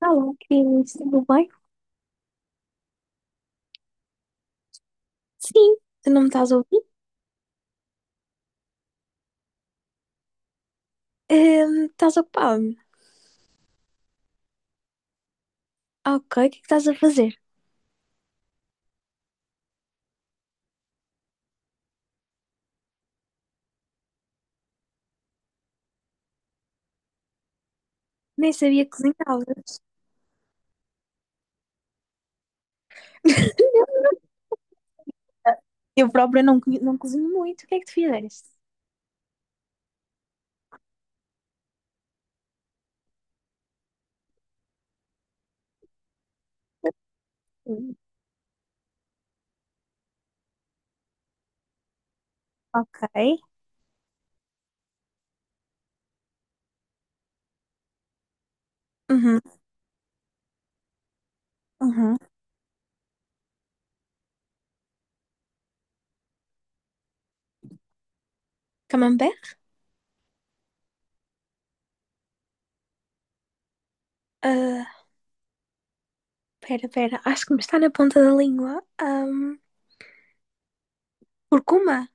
Alô, Cris, tudo bem? Sim, tu não me estás a ouvir? Estás ocupada? Ah, ok, o que é que estás a fazer? Nem sabia que cozinhavas. Não, não. Eu própria não, não cozinho muito. O que é que tu fizeste? Hum. Ok. Uhum, uhum. Camembert? Ah, pera, acho que me está na ponta da língua. Curcuma?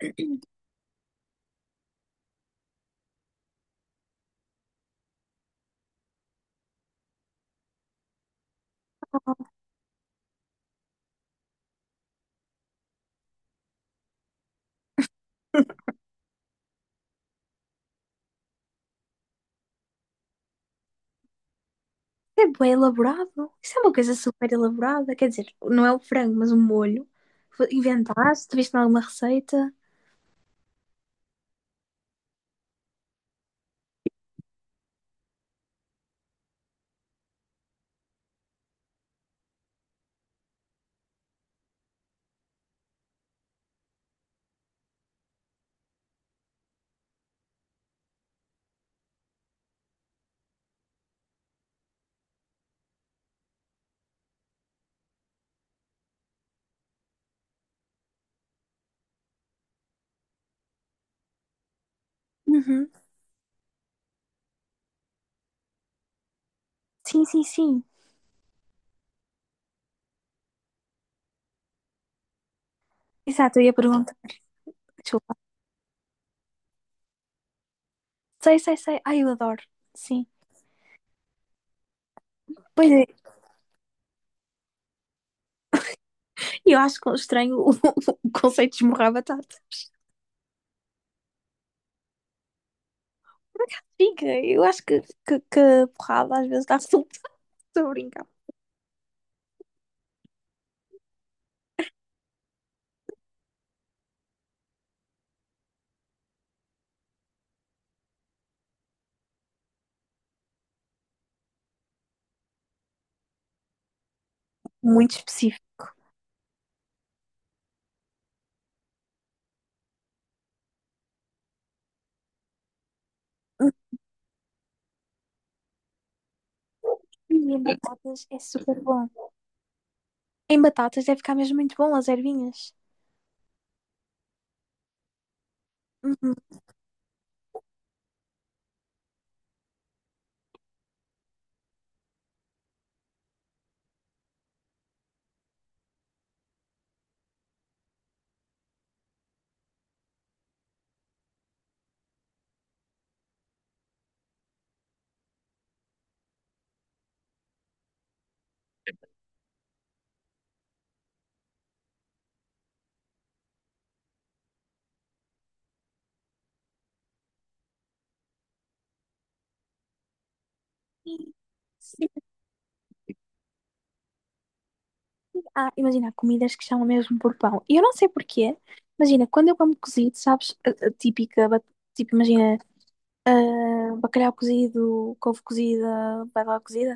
Não. É bem elaborado. Isso é uma coisa super elaborada. Quer dizer, não é o frango, mas o molho. Inventaste? Viste em alguma receita? Uhum. Sim, sim, sim. Exato, eu ia perguntar. Desculpa. Sei, sei, sei. Ai, eu adoro. Sim. Pois é. E eu acho que estranho o conceito de esmurrar a batata. Por acaso fica. Eu acho que a porrada às vezes dá resultado. Estou a brincar. Muito específico. Hum. E em batatas é super bom. Em batatas deve ficar mesmo muito bom, as ervinhas. Uhum. Sim. Sim. Ah, imagina, há comidas que chamam mesmo por pão. E eu não sei porquê. Imagina, quando eu como cozido, sabes, a típica, tipo, imagina, ah, bacalhau cozido, couve cozida, batata cozida,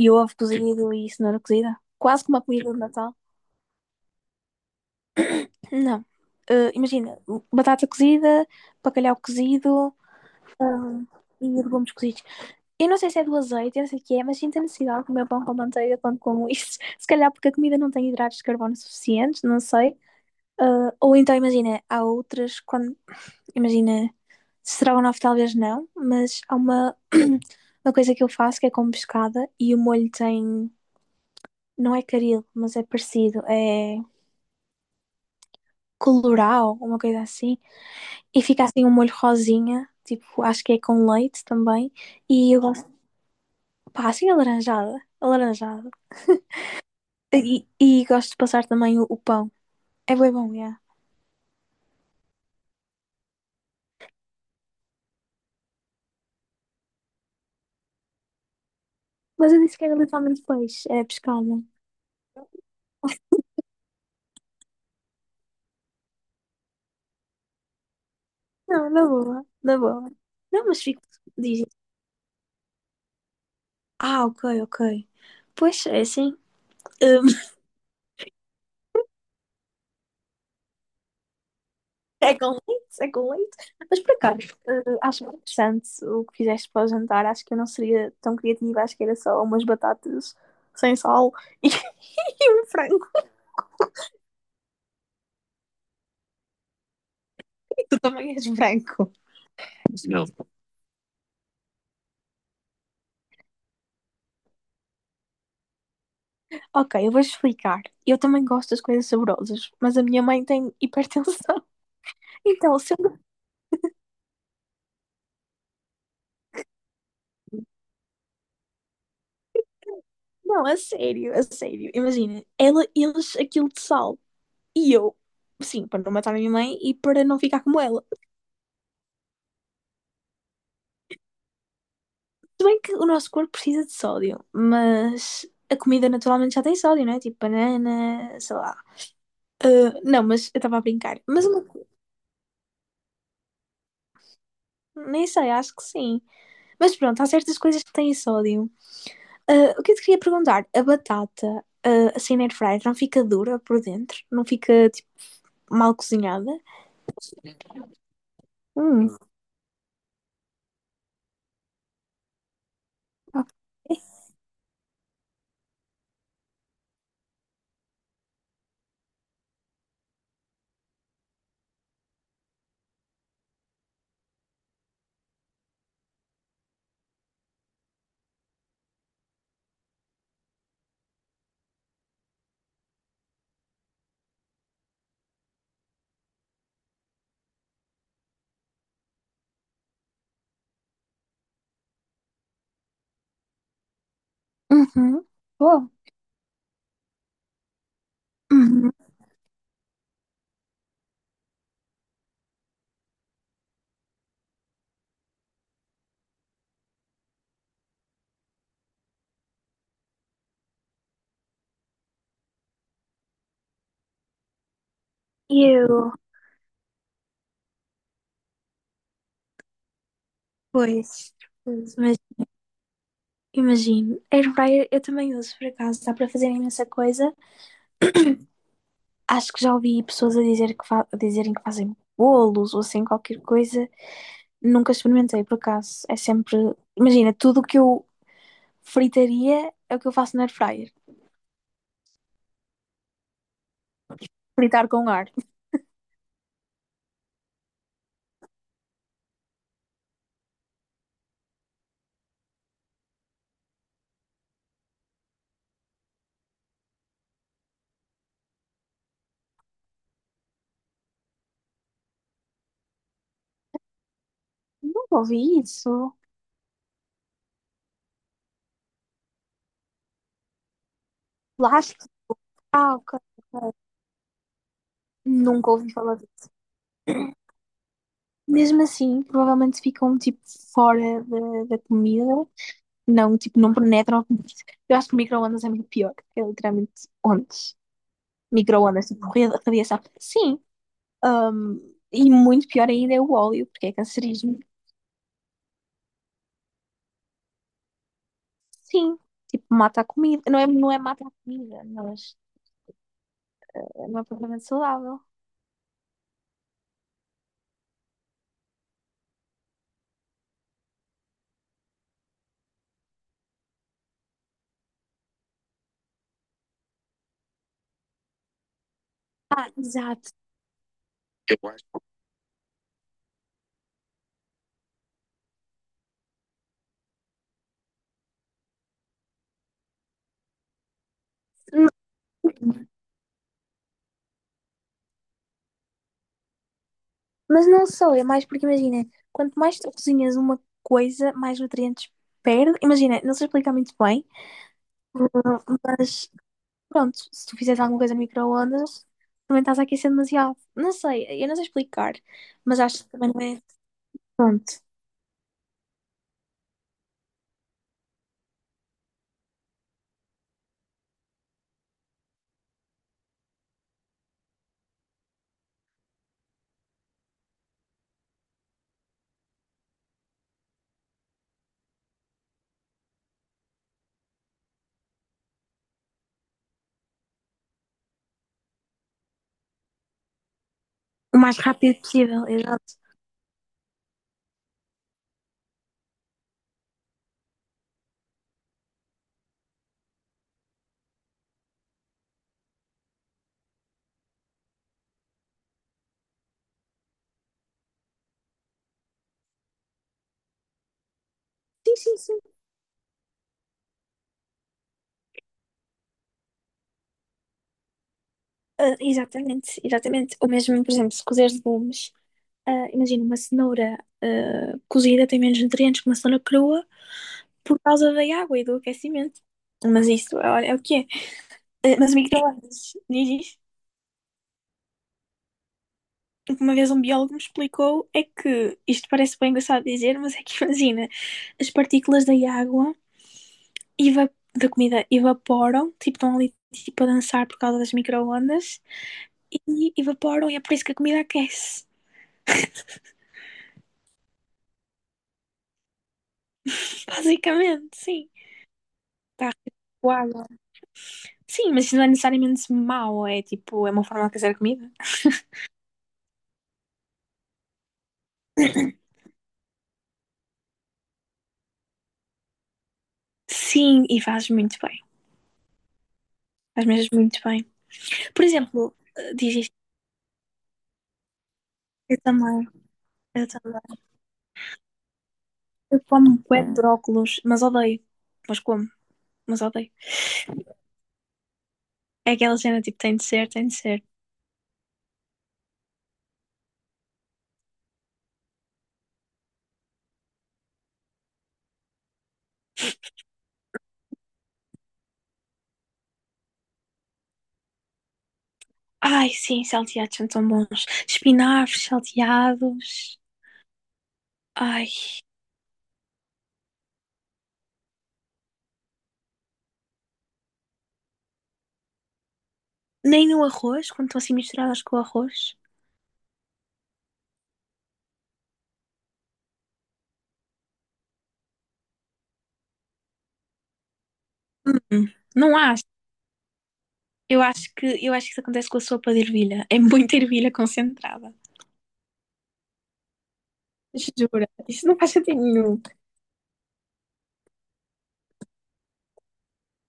e ovo cozido e cenoura cozida. Quase como uma comida de Natal. Não. Ah, imagina, batata cozida, bacalhau cozido, e legumes cozidos. Eu não sei se é do azeite, eu não sei o que é, mas sinto a necessidade de comer pão com manteiga quando como isso. Se calhar porque a comida não tem hidratos de carbono suficientes, não sei. Ah, ou então, imagina, há outras, quando, imagina, estrogonofe talvez não, mas há uma, uma coisa que eu faço que é com pescada e o molho tem, não é caril, mas é parecido, é colorau, uma coisa assim, e fica assim um molho rosinha, tipo, acho que é com leite também, e eu gosto, pá, assim alaranjada, alaranjada. E gosto de passar também o pão. É bem bom, é. Mas eu disse que era literalmente peixe, é pescada. Não, na boa, na boa. Não, mas fico. Dizem. Ah, ok, ok. Pois é assim. Hum. É com leite, é com leite. Mas por acaso, acho bem interessante o que fizeste para o jantar. Acho que eu não seria tão criativa, acho que era só umas batatas sem sal e um frango. Tu também és branco. Não. Ok, eu vou explicar. Eu também gosto das coisas saborosas, mas a minha mãe tem hipertensão. Então, sendo... Não, é sério, é sério. Imagina, ela, eles aquilo de sal. E eu, sim, para não matar a minha mãe e para não ficar como ela. Se bem que o nosso corpo precisa de sódio, mas a comida naturalmente já tem sódio, não é? Tipo banana, sei lá. Ah, não, mas eu estava a brincar. Mas nem sei, acho que sim. Mas pronto, há certas coisas que têm sódio. Ah, o que eu te queria perguntar? A batata, ah, assim na air fryer, não fica dura por dentro? Não fica, tipo, mal cozinhada? Hum, ok. Uhum. Boa. Uhum. Eu, pois, pois, mas imagino. Air fryer eu também uso, por acaso, dá para fazer imensa coisa. Acho que já ouvi pessoas a dizer que a dizerem que fazem bolos ou assim qualquer coisa. Nunca experimentei, por acaso. É sempre, imagina, tudo o que eu fritaria é o que eu faço na air fryer. Fritar com ar. Nunca ouvi isso. Lá está. Ah, ok. Ok. Nunca ouvi falar disso. Mesmo assim, provavelmente ficam tipo fora da comida. Não, tipo, não penetra. Comida. Eu acho que micro-ondas é muito pior. É literalmente ondas. Micro-ondas, tipo, radiação. Sim. ahm, e muito pior ainda é o óleo, porque é cancerígeno. Sim. Tipo, mata a comida. Não é, não é mata a comida, mas não é propriamente saudável. Ah, exato. N- Mas não só, é mais porque imagina, quanto mais tu cozinhas uma coisa, mais nutrientes perde. Imagina, não sei explicar muito bem, mas pronto, se tu fizeres alguma coisa no micro-ondas, também estás a aquecer demasiado. Não sei, eu não sei explicar, mas acho que também não é. Pronto, o mais rápido possível, exato. Sim, sim, sim. Ah, exatamente, exatamente. Ou mesmo, por exemplo, se cozeres legumes, ah, imagina uma cenoura ah, cozida tem menos nutrientes que uma cenoura crua por causa da água e do aquecimento. Mas isso, olha, é o que é. Ah, mas o micro-ondas, diz o que uma vez um biólogo me explicou é que, isto parece bem engraçado dizer, mas é que imagina, as partículas da água, eva- da comida, evaporam, tipo, estão ali tipo, a dançar por causa das microondas, e evaporam, e é por isso que a comida aquece. Basicamente, sim. Tá, tipo, água. Sim, mas isso não é necessariamente mau, é tipo, é uma forma de aquecer a comida. Sim, e faz muito bem. Faz mesmo muito bem. Por exemplo, diz isto. Eu também, eu também. Eu como bué de hum, brócolos, mas odeio. Mas como, mas odeio. É aquela cena tipo, tem de ser, tem de ser. Ai, sim, salteados são tão bons. Espinafres salteados. Ai, nem no arroz, quando estão assim misturadas com o arroz. Hum, não acho. Eu acho que isso acontece com a sopa de ervilha. É muita ervilha concentrada. Jura, isso não faz sentido nenhum.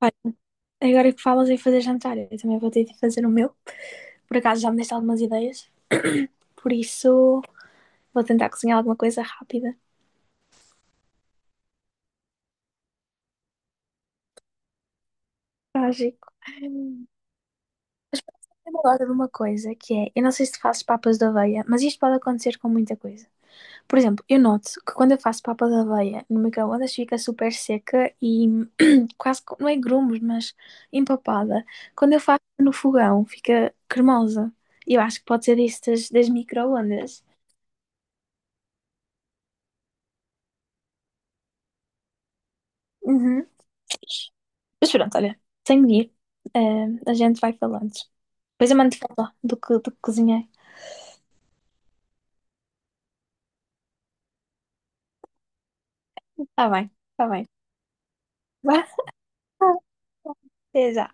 Olha, agora que falas em fazer jantar, eu também vou ter de fazer o meu. Por acaso já me deste algumas ideias, por isso vou tentar cozinhar alguma coisa rápida. Trágico. Mas eu gosto de uma coisa que é, eu não sei se tu fazes papas de aveia, mas isto pode acontecer com muita coisa. Por exemplo, eu noto que quando eu faço papa de aveia no micro-ondas fica super seca e quase, não é grumos, mas empapada. Quando eu faço no fogão fica cremosa. E eu acho que pode ser isso das micro-ondas. Uhum. Mas pronto, olha, tenho de ir. Eh, a gente vai falando. Depois eu mando foto do que cozinhei. Tá bem, tá bem. Vá. Certeza.